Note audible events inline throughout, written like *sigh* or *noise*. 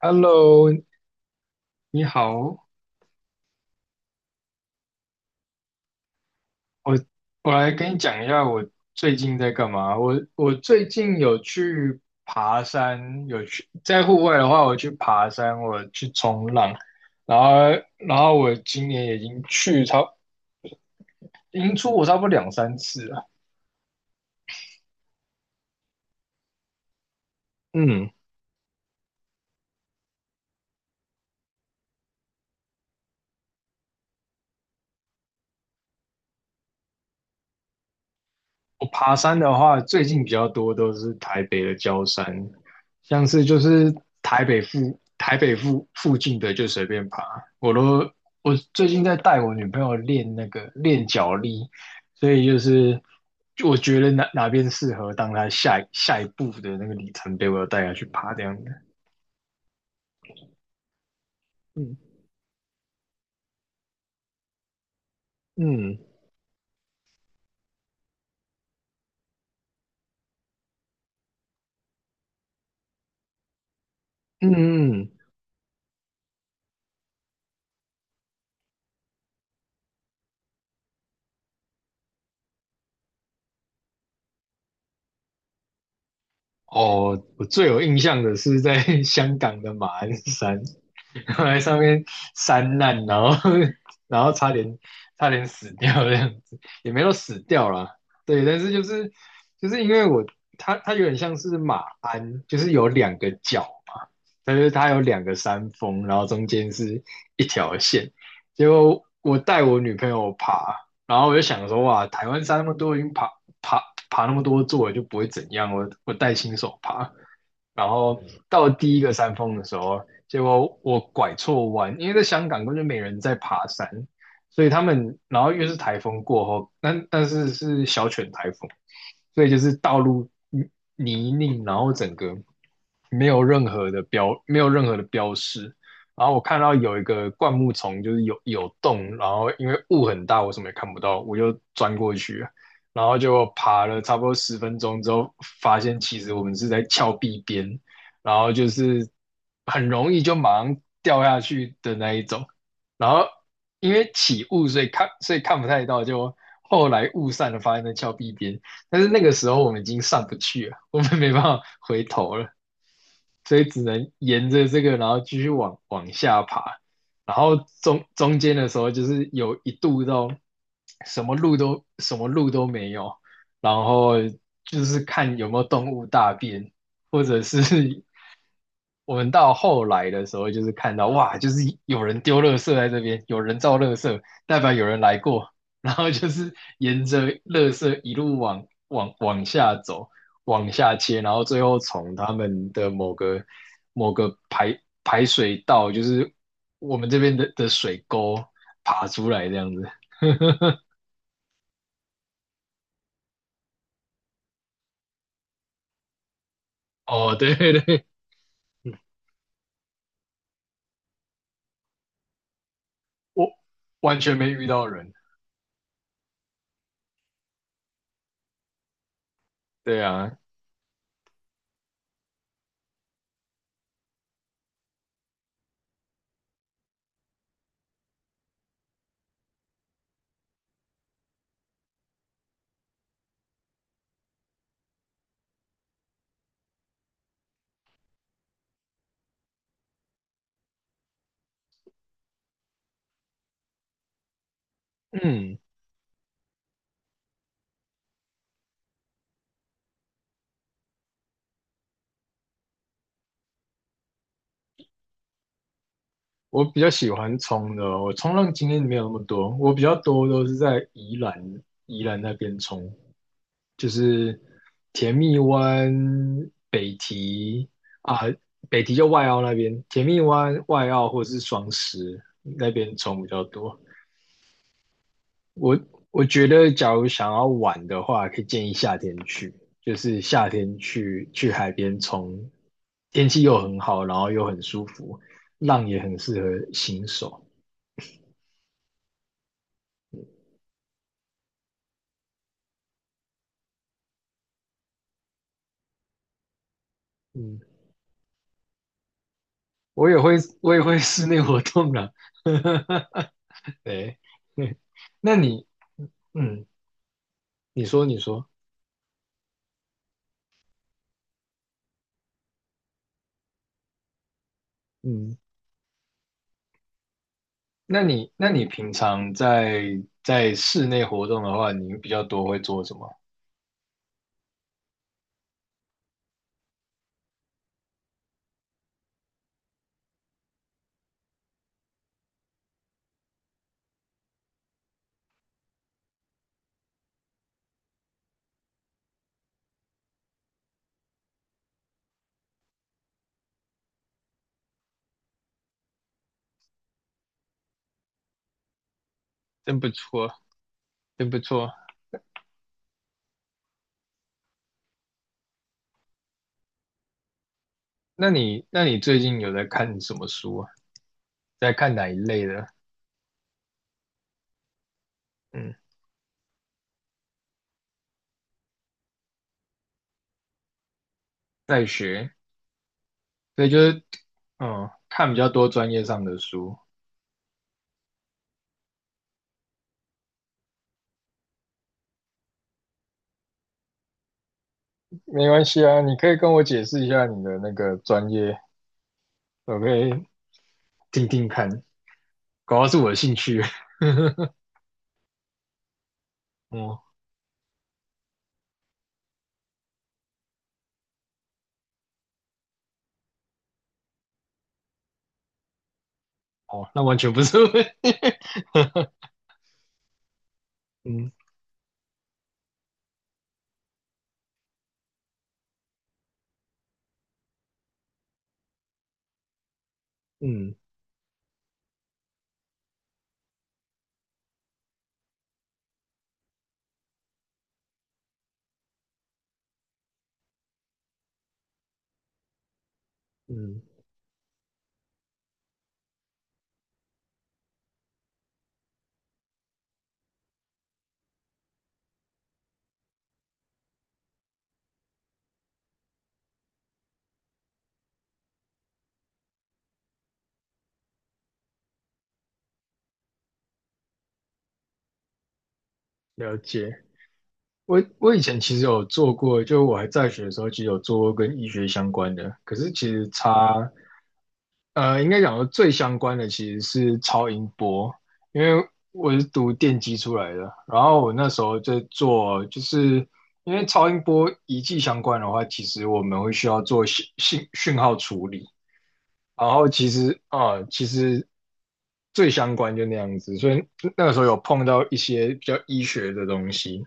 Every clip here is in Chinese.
Hello，你好，我我来跟你讲一下我最近在干嘛。我最近有去爬山，有去在户外的话，我去爬山，我去冲浪，然后然后我今年已经出国差不多两三次了。嗯。我爬山的话，最近比较多都是台北的郊山，像是就是台北附近的就随便爬。我都我最近在带我女朋友练那个练脚力，所以就是我觉得哪边适合当她下一步的那个里程碑，我要带她去爬这样的。嗯嗯嗯嗯，哦，我最有印象的是在 *laughs* 香港的马鞍山，然后来上面山难，然后 *laughs* 然后差点死掉这样子，也没有死掉啦。对，但是就是就是因为我它有点像是马鞍，就是有两个角嘛，但是它有两个山峰，然后中间是一条线。结果我带我女朋友爬，然后我就想说哇，台湾山那么多，已经爬爬爬那么多座就不会怎样，我带新手爬。然后到第一个山峰的时候，结果我拐错弯，因为在香港根本就没人在爬山，所以他们，然后又是台风过后，但是小犬台风，所以就是道路泥泞，然后整个没有任何的标识。然后我看到有一个灌木丛，就是有洞，然后因为雾很大，我什么也看不到，我就钻过去，然后就爬了差不多十分钟之后，发现其实我们是在峭壁边，然后就是很容易就马上掉下去的那一种。然后因为起雾，所以看不太到，就后来雾散了，发现在峭壁边。但是那个时候我们已经上不去了，我们没办法回头了。所以只能沿着这个，然后继续往下爬，然后中间的时候就是有一度到什么路都没有，然后就是看有没有动物大便，或者是 *laughs* 我们到后来的时候就是看到哇，就是有人丢垃圾在这边，有人造垃圾，代表有人来过，*laughs* 然后就是沿着垃圾一路往下走。往下切，然后最后从他们的某个排水道，就是我们这边的水沟爬出来这样子。*laughs* 哦，对对 *laughs* 对，我完全没遇到人。对啊，嗯，我比较喜欢冲的哦，我冲浪经验没有那么多，我比较多都是在宜兰那边冲。就是甜蜜湾、北堤啊，北堤就外澳那边，甜蜜湾、外澳或者是双十那边虫比较多。我我觉得，假如想要玩的话，可以建议夏天去，就是夏天去海边冲，天气又很好，然后又很舒服，浪也很适合新手。嗯，我也会我也会室内活动啦。*laughs* 对，*laughs* 那你嗯，你说，嗯，那你平常在室内活动的话，你比较多会做什么？真不错，真不错。那你最近有在看什么书啊？在看哪一类的？嗯，在学，所以就是嗯，看比较多专业上的书。没关系啊，你可以跟我解释一下你的那个专业，我可以 *laughs* 听听看，搞不好是我的兴趣。*laughs* 哦哦，那完全不是问题 *laughs* 嗯嗯嗯，了解。我以前其实有做过，就我还在学的时候，其实有做过跟医学相关的。可是其实差，呃，应该讲说最相关的其实是超音波，因为我是读电机出来的。然后我那时候在做，就是因为超音波仪器相关的话，其实我们会需要做讯号处理。然后其实最相关就那样子，所以那个时候有碰到一些比较医学的东西。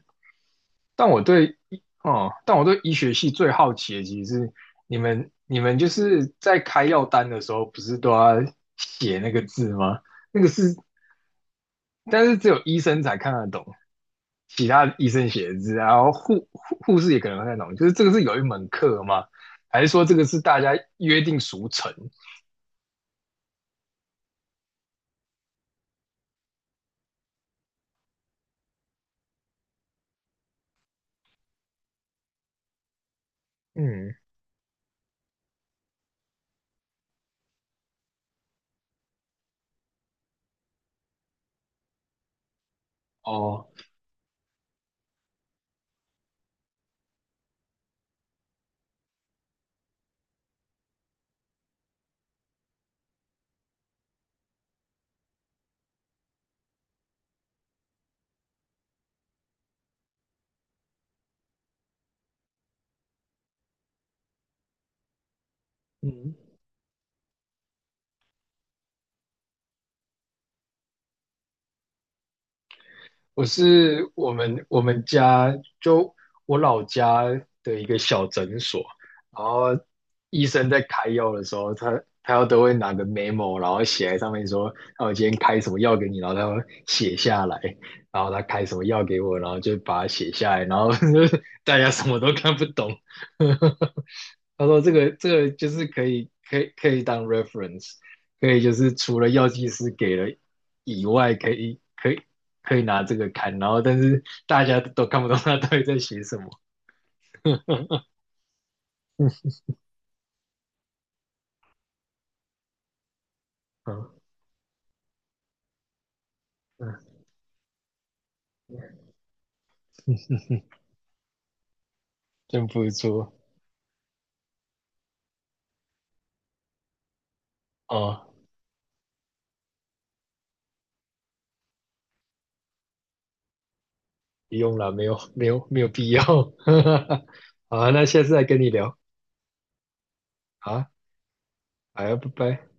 但我对医，哦，但我对医学系最好奇的其实是你们就是在开药单的时候，不是都要写那个字吗？那个是，但是只有医生才看得懂，其他医生写的字，然后护士也可能看得懂。就是这个是有一门课吗？还是说这个是大家约定俗成？嗯，哦，嗯，我是我们家就我老家的一个小诊所，然后医生在开药的时候，他都会拿个 memo，然后写在上面说，那我今天开什么药给你，然后他会写下来，然后他开什么药给我，然后就把它写下来，然后 *laughs* 大家什么都看不懂。*laughs* 他说这个就是可以当 reference，可以就是除了药剂师给了以外，可以拿这个看，然后但是大家都看不懂他到底在写什么。*laughs* 嗯嗯嗯真不错。哦，不用了，没有必要。*laughs* 好啊，那下次再跟你聊。好啊，好啊拜拜。